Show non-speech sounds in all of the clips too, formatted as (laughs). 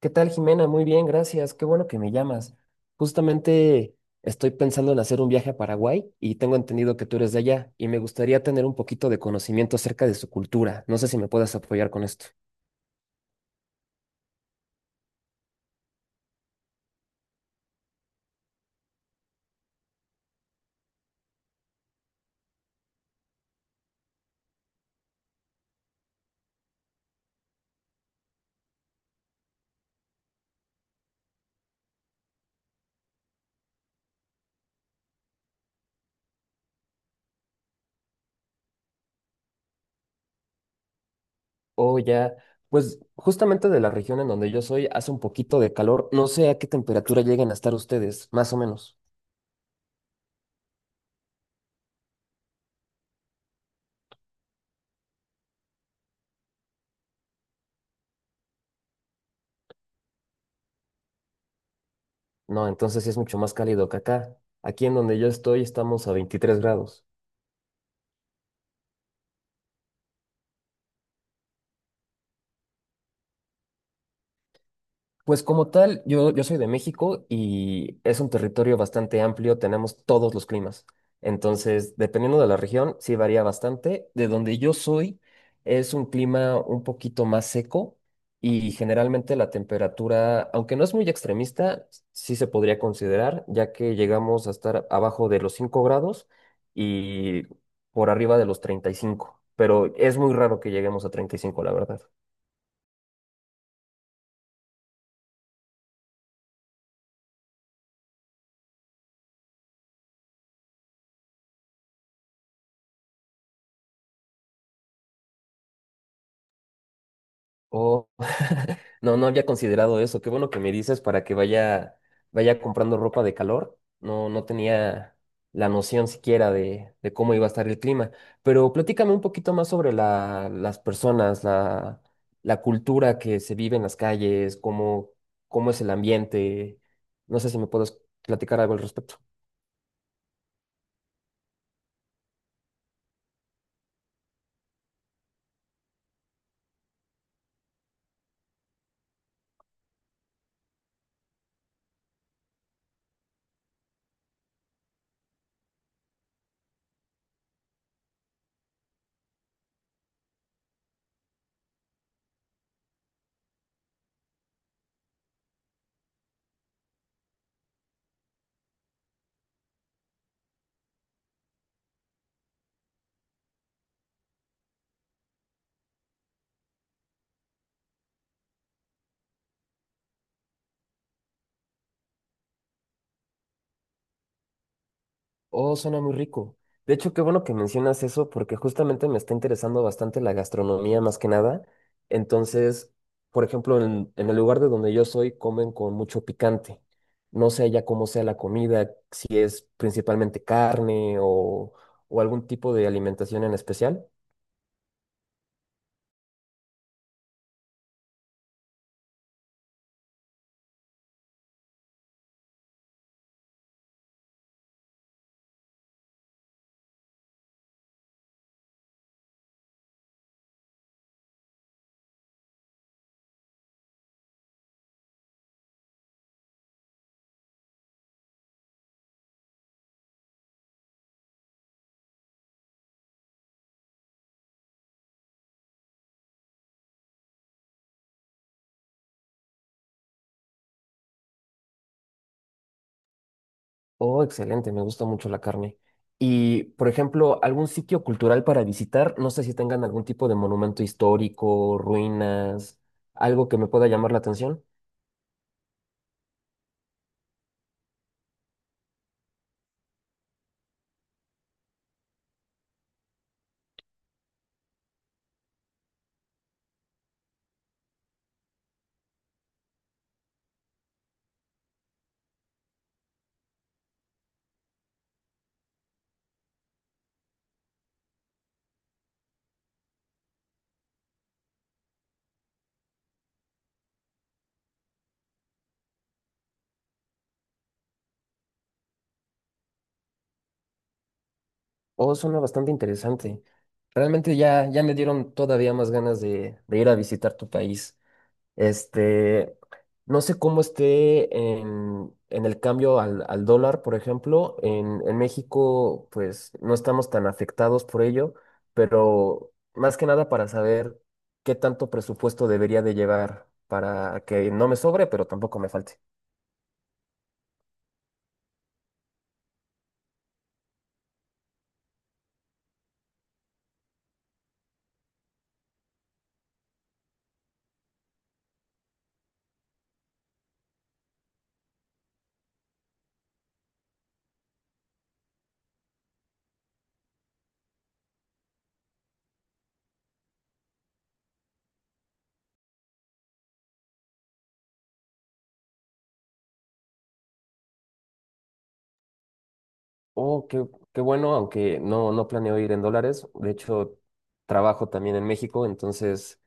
¿Qué tal, Jimena? Muy bien, gracias. Qué bueno que me llamas. Justamente estoy pensando en hacer un viaje a Paraguay y tengo entendido que tú eres de allá y me gustaría tener un poquito de conocimiento acerca de su cultura. No sé si me puedas apoyar con esto. Oh, ya. Pues justamente de la región en donde yo soy hace un poquito de calor. No sé a qué temperatura lleguen a estar ustedes, más o menos. No, entonces sí es mucho más cálido que acá. Aquí en donde yo estoy estamos a 23 grados. Pues como tal, yo soy de México y es un territorio bastante amplio, tenemos todos los climas. Entonces, dependiendo de la región, sí varía bastante. De donde yo soy, es un clima un poquito más seco y generalmente la temperatura, aunque no es muy extremista, sí se podría considerar, ya que llegamos a estar abajo de los 5 grados y por arriba de los 35, pero es muy raro que lleguemos a 35, la verdad. Oh, (laughs) no, no había considerado eso. Qué bueno que me dices para que vaya comprando ropa de calor. No, no tenía la noción siquiera de cómo iba a estar el clima. Pero platícame un poquito más sobre las personas, la cultura que se vive en las calles, cómo es el ambiente. No sé si me puedes platicar algo al respecto. Oh, suena muy rico. De hecho, qué bueno que mencionas eso porque justamente me está interesando bastante la gastronomía más que nada. Entonces, por ejemplo, en el lugar de donde yo soy comen con mucho picante. No sé ya cómo sea la comida, principalmente carne o algún tipo de alimentación en especial. Oh, excelente, me gusta mucho la carne. Y, por ejemplo, algún sitio cultural para visitar, no sé si tengan algún tipo de monumento histórico, ruinas, algo que me pueda llamar la atención. Oh, suena bastante interesante. Realmente ya me dieron todavía más ganas de ir a visitar tu país. Este, no sé cómo esté en el cambio al dólar, por ejemplo. En México, pues no estamos tan afectados por ello, pero más que nada para saber qué tanto presupuesto debería de llevar para que no me sobre, pero tampoco me falte. Oh, qué, qué bueno, aunque no, no planeo ir en dólares. De hecho, trabajo también en México, entonces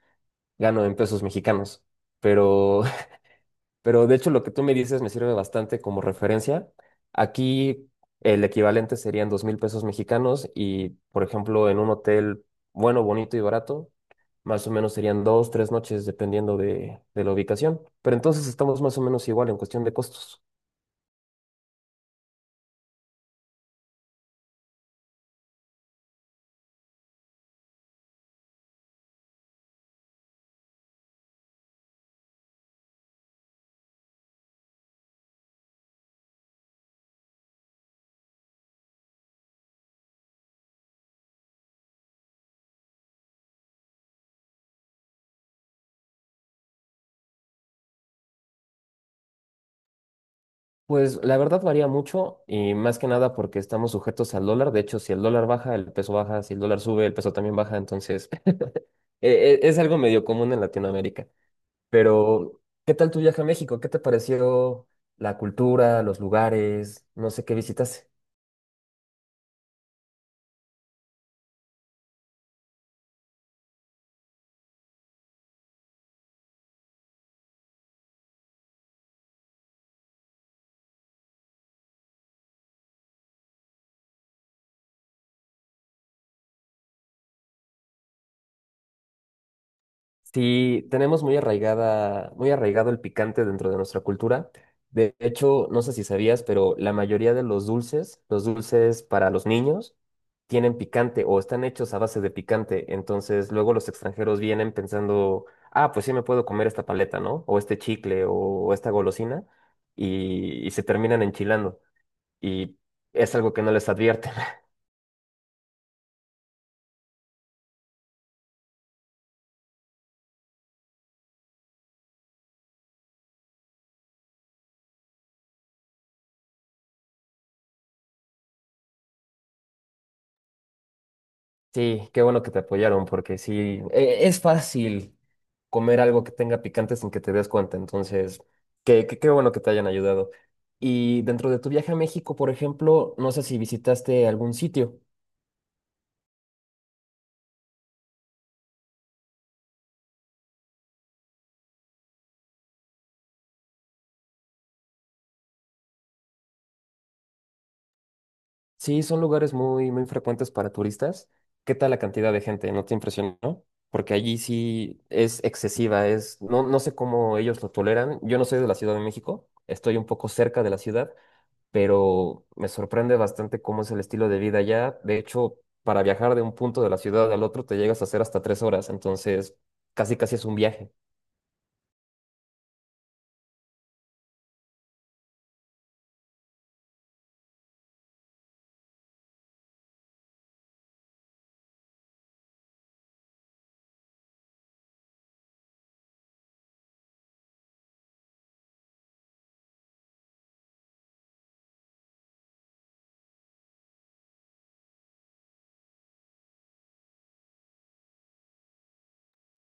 gano en pesos mexicanos. Pero, (laughs) pero de hecho, lo que tú me dices me sirve bastante como referencia. Aquí el equivalente serían 2,000 pesos mexicanos y, por ejemplo, en un hotel bueno, bonito y barato, más o menos serían dos, tres noches, dependiendo de la ubicación. Pero entonces estamos más o menos igual en cuestión de costos. Pues la verdad varía mucho y más que nada porque estamos sujetos al dólar. De hecho, si el dólar baja, el peso baja. Si el dólar sube, el peso también baja. Entonces, (laughs) es algo medio común en Latinoamérica. Pero, ¿qué tal tu viaje a México? ¿Qué te pareció la cultura, los lugares? No sé qué visitaste. Sí, tenemos muy arraigado el picante dentro de nuestra cultura. De hecho, no sé si sabías, pero la mayoría de los dulces para los niños, tienen picante o están hechos a base de picante. Entonces, luego los extranjeros vienen pensando, ah, pues sí me puedo comer esta paleta, ¿no? O este chicle o esta golosina y se terminan enchilando. Y es algo que no les advierten. Sí, qué bueno que te apoyaron, porque sí, e- es fácil comer algo que tenga picante sin que te des cuenta, entonces, qué, qué bueno que te hayan ayudado. Y dentro de tu viaje a México, por ejemplo, no sé si visitaste algún sitio. Sí, son lugares muy, muy frecuentes para turistas. ¿Qué tal la cantidad de gente? ¿No te impresionó? Porque allí sí es excesiva, es, no, no sé cómo ellos lo toleran. Yo no soy de la Ciudad de México, estoy un poco cerca de la ciudad, pero me sorprende bastante cómo es el estilo de vida allá. De hecho, para viajar de un punto de la ciudad al otro te llegas a hacer hasta 3 horas, entonces casi casi es un viaje.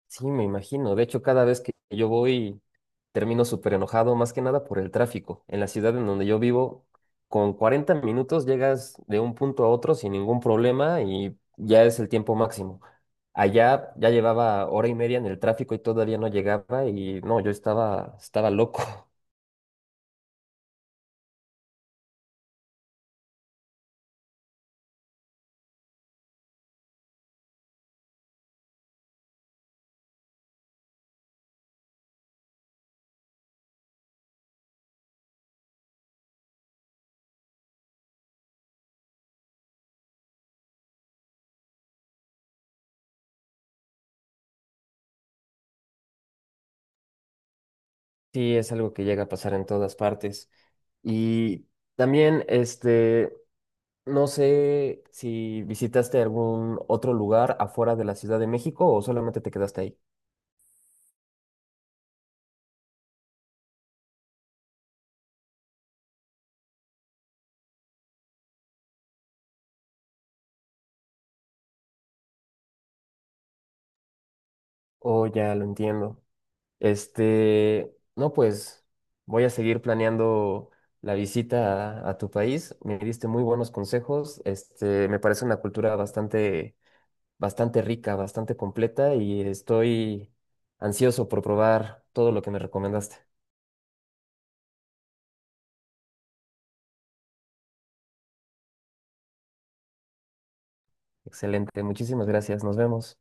Sí, me imagino. De hecho, cada vez que yo voy termino súper enojado, más que nada por el tráfico. En la ciudad en donde yo vivo, con 40 minutos llegas de un punto a otro sin ningún problema y ya es el tiempo máximo. Allá ya llevaba hora y media en el tráfico y todavía no llegaba y no, yo estaba loco. Sí, es algo que llega a pasar en todas partes. Y también, este, no sé si visitaste algún otro lugar afuera de la Ciudad de México o solamente te quedaste ahí. Oh, ya lo entiendo. Este, no, pues voy a seguir planeando la visita a tu país. Me diste muy buenos consejos. Este, me parece una cultura bastante, bastante rica, bastante completa y estoy ansioso por probar todo lo que me recomendaste. Excelente, muchísimas gracias. Nos vemos.